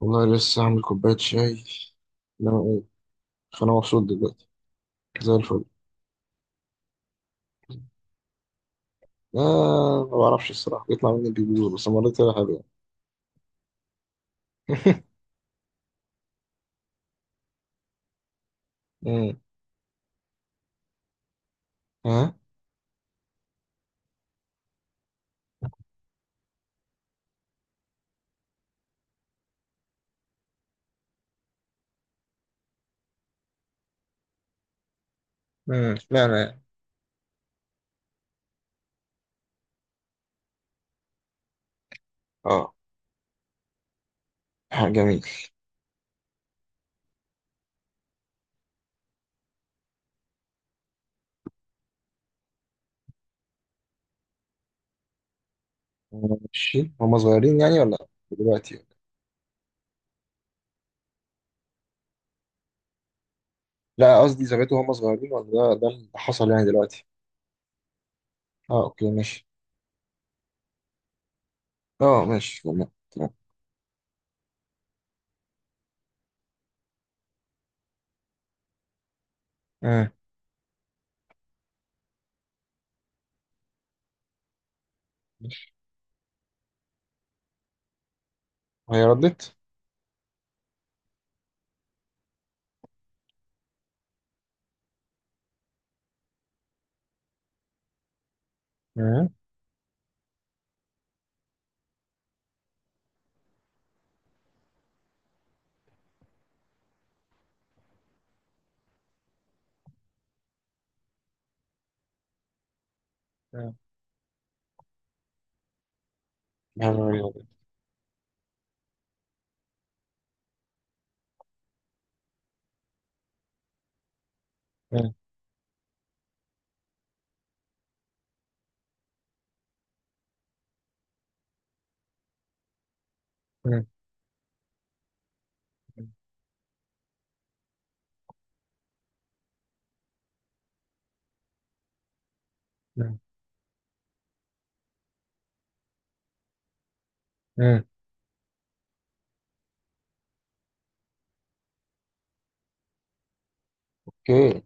والله لسه عامل كوباية شاي، انما ايه؟ فانا مبسوط دلوقتي. زي الفل. آه ما بعرفش الصراحة، بيطلع مني البيبي بس المرة دي طلع حلو يعني. مم. ها. لا لا. اه. ها، جميل. ماشي، هما صغيرين يعني ولا دلوقتي ولا؟ لا، قصدي زمان هما صغيرين ولا ده اللي حصل يعني دلوقتي؟ اه اوكي ماشي. اه ماشي تمام تمام. امم. هي ردت؟ امم. لا، لا، لا، لا. امم. امم. امم. اوكي.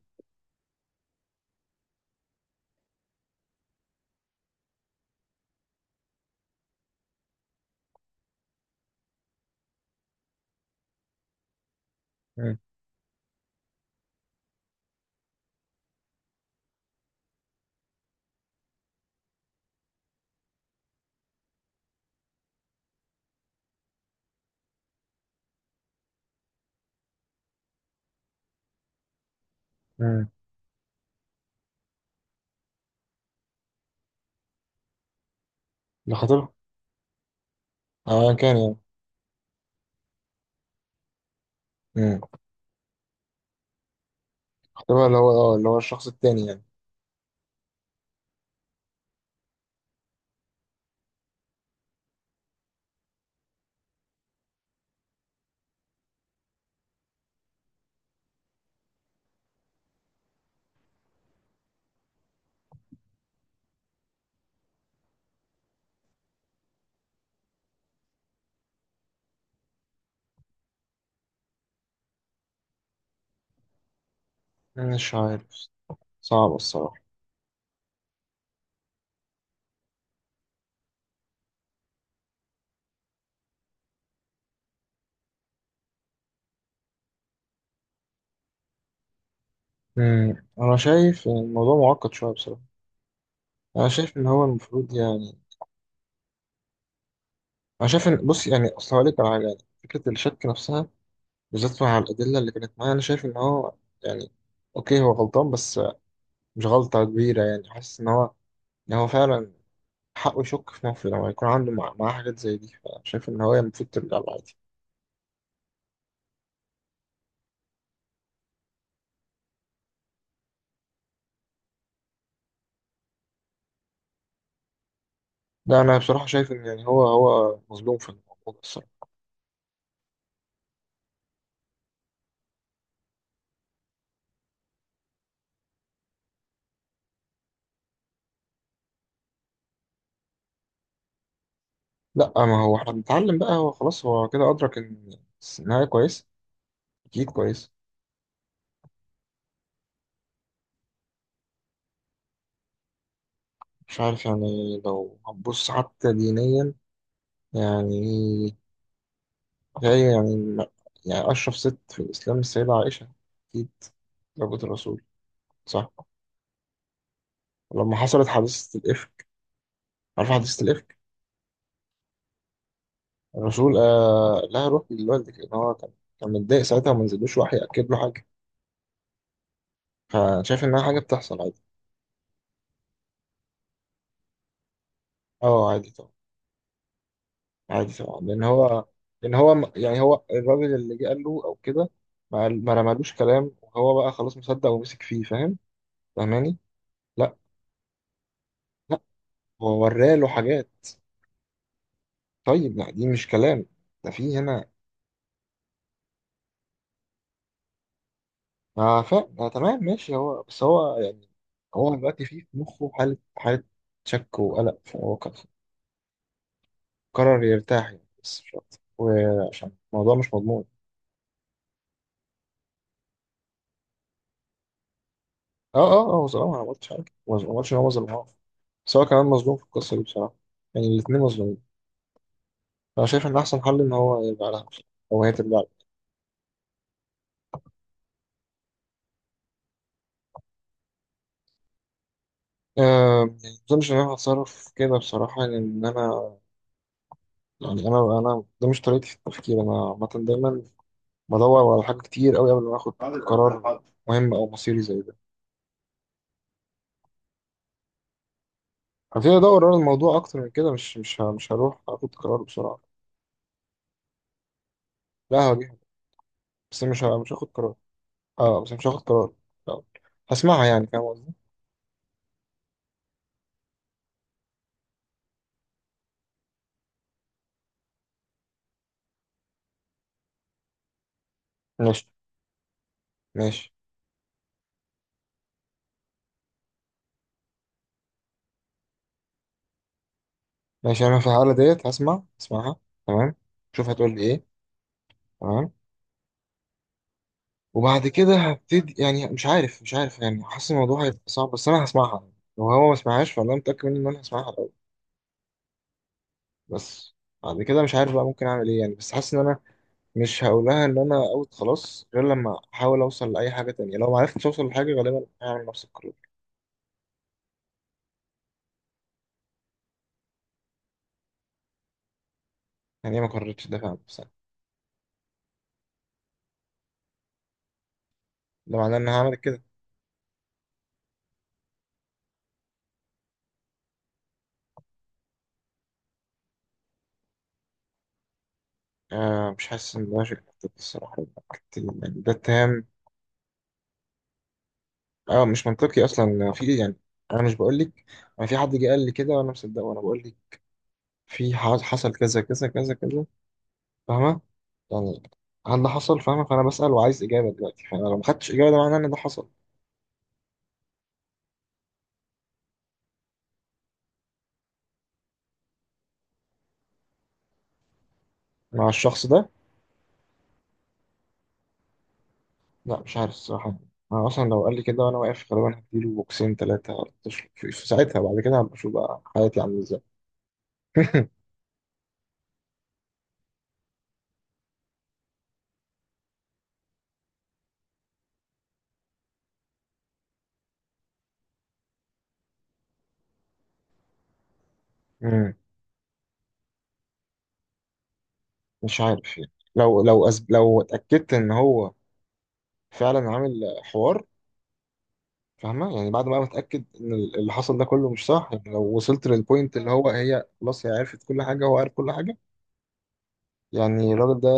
امم. ده خطيبها؟ اه أيا كان يعني. امم. احتمال اللي هو اه اللي هو الشخص التاني يعني. مش عارف. صعب الصراحة. امم، انا شايف ان الموضوع معقد شوية بصراحة. انا شايف ان هو المفروض يعني، انا شايف ان بص يعني، اصل هقول لك على حاجة يعني. فكرة الشك نفسها، بالذات مع الأدلة اللي كانت معايا، انا شايف ان هو يعني اوكي هو غلطان بس مش غلطة كبيرة. يعني حاسس ان هو، ان هو فعلا حقه يشك في نفسه لما يكون عنده معاه حاجات زي دي. فشايف ان هو المفروض ترجع له عادي. ده انا بصراحة شايف ان يعني هو مظلوم في الموضوع ده. لا ما هو احنا بنتعلم بقى، هو خلاص هو كده أدرك إن النهاية كويس. أكيد كويس. مش عارف يعني، لو هتبص حتى دينيا، يعني هي يعني، يعني أشرف ست في الإسلام السيدة عائشة، أكيد، زوجة الرسول، صح؟ لما حصلت حادثة الإفك، عارف حادثة الإفك؟ الرسول قال لها روح لوالدك، لأن هو كان كان متضايق ساعتها وما نزلوش وحي يأكد له حاجة. فشايف إنها حاجة بتحصل عادي. أه عادي طبعا. عادي طبعا، لان هو، لان هو يعني هو الراجل اللي جه قال له او كده، ما رمالوش كلام وهو بقى خلاص مصدق ومسك فيه. فاهم؟ فاهماني؟ لا. لا، هو وراله حاجات. طيب لا دي مش كلام، ده في هنا. اه فاهم. آه تمام ماشي، هو بس هو يعني هو دلوقتي فيه في مخه حالة شك وقلق، فهو قرر يرتاح يعني، بس مش أكتر. وعشان الموضوع مش مضمون. اه اه اه، هو ظلمها، انا ما قلتش حاجه، ما قلتش ان هو ظلمها، بس هو كمان مظلوم في القصه دي بصراحه. يعني الاثنين مظلومين. أنا شايف إن أحسن حل إن هو يبقى على هاف، أو هي تبقى على. أه يعني ما أظنش إن أنا هتصرف كده بصراحة، لأن أنا يعني أنا ده مش طريقتي في التفكير. أنا عامة دايما بدور على حاجة كتير أوي قبل ما آخد قرار مهم أو مصيري زي ده. هبتدي أدور على الموضوع أكتر من كده، مش هروح آخد قرار بسرعة. لا هواجهها، بس مش هاخد قرار. أه بس مش هاخد قرار. لا. هسمعها، يعني فاهم قصدي؟ ماشي. ماشي. ماشي، أنا في الحالة ديت هسمع، هسمعها. تمام. شوف هتقول لي إيه. تمام. وبعد كده هبتدي، يعني مش عارف مش عارف يعني، حاسس الموضوع هيبقى صعب، بس انا هسمعها. لو هو ما سمعهاش فانا متاكد منه ان انا هسمعها الاول، بس بعد كده مش عارف بقى ممكن اعمل ايه يعني. بس حاسس ان انا مش هقول لها ان انا اوت خلاص غير لما احاول اوصل لاي حاجه تانية. لو ما عرفتش اوصل لحاجه غالبا هعمل نفس القرار. يعني هي ما قررتش تدافع عن نفسها، ده معناه ان أنا هعمل كده. آه مش حاسس ان ده شيء منطقي الصراحه. يعني ده اتهام. اه مش منطقي اصلا في ايه يعني. انا مش بقول لك انا في حد جه قال لي كده وانا مصدقه، وانا بقول لك في حصل كذا كذا كذا كذا. فاهمة يعني؟ هل ده حصل؟ فاهمة؟ فأنا بسأل وعايز إجابة دلوقتي، فأنا لو ما خدتش إجابة ده معناه إن ده حصل. مع الشخص ده؟ لا مش عارف الصراحة. أنا أصلا لو قال لي كده وأنا واقف غالبا هديله بوكسين تلاتة. في في ساعتها، بعد كده هبقى أشوف بقى حياتي عاملة إزاي. مم، مش عارف يعني، لو لو لو اتأكدت إن هو فعلا عامل حوار. فاهمة يعني؟ بعد بقى ما اتأكد إن اللي حصل ده كله مش صح، يعني لو وصلت للبوينت اللي هو هي خلاص هي عرفت كل حاجة، هو عارف كل حاجة، يعني الراجل ده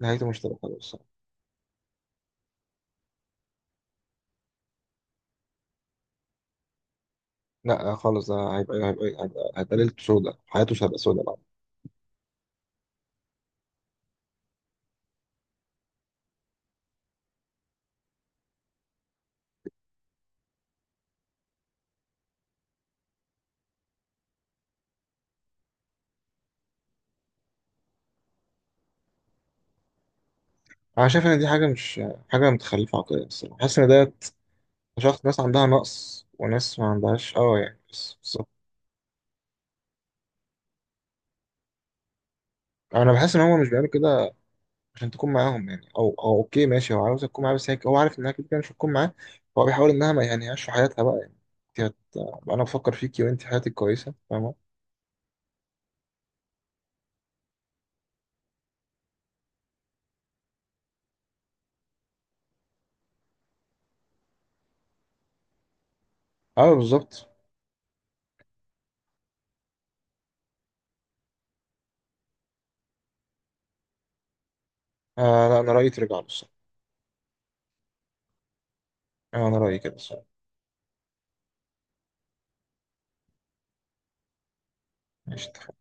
نهايته مش تبقى حلوه الصراحه. لا خالص، ده هيبقى ليلته سودة، حياته مش هتبقى سودة بقى. انا شايف ان دي حاجه مش حاجه متخلفه عقليا الصراحه. بحس ان ده شخص، ناس عندها نقص وناس ما عندهاش اه يعني، بس بالظبط. انا بحس ان هو مش بيعمل كده عشان تكون معاهم يعني، او او اوكي ماشي هو عاوز تكون معاه، بس هي هو عارف انها كده كده مش هتكون معاه، فهو بيحاول انها ما يهنيهاش في حياتها بقى يعني. انت انا بفكر فيكي وانت حياتك كويسه فاهمه. اه بالظبط. آه لا انا رايي ترجع له الصراحه. آه انا رايي كده الصراحه. ماشي.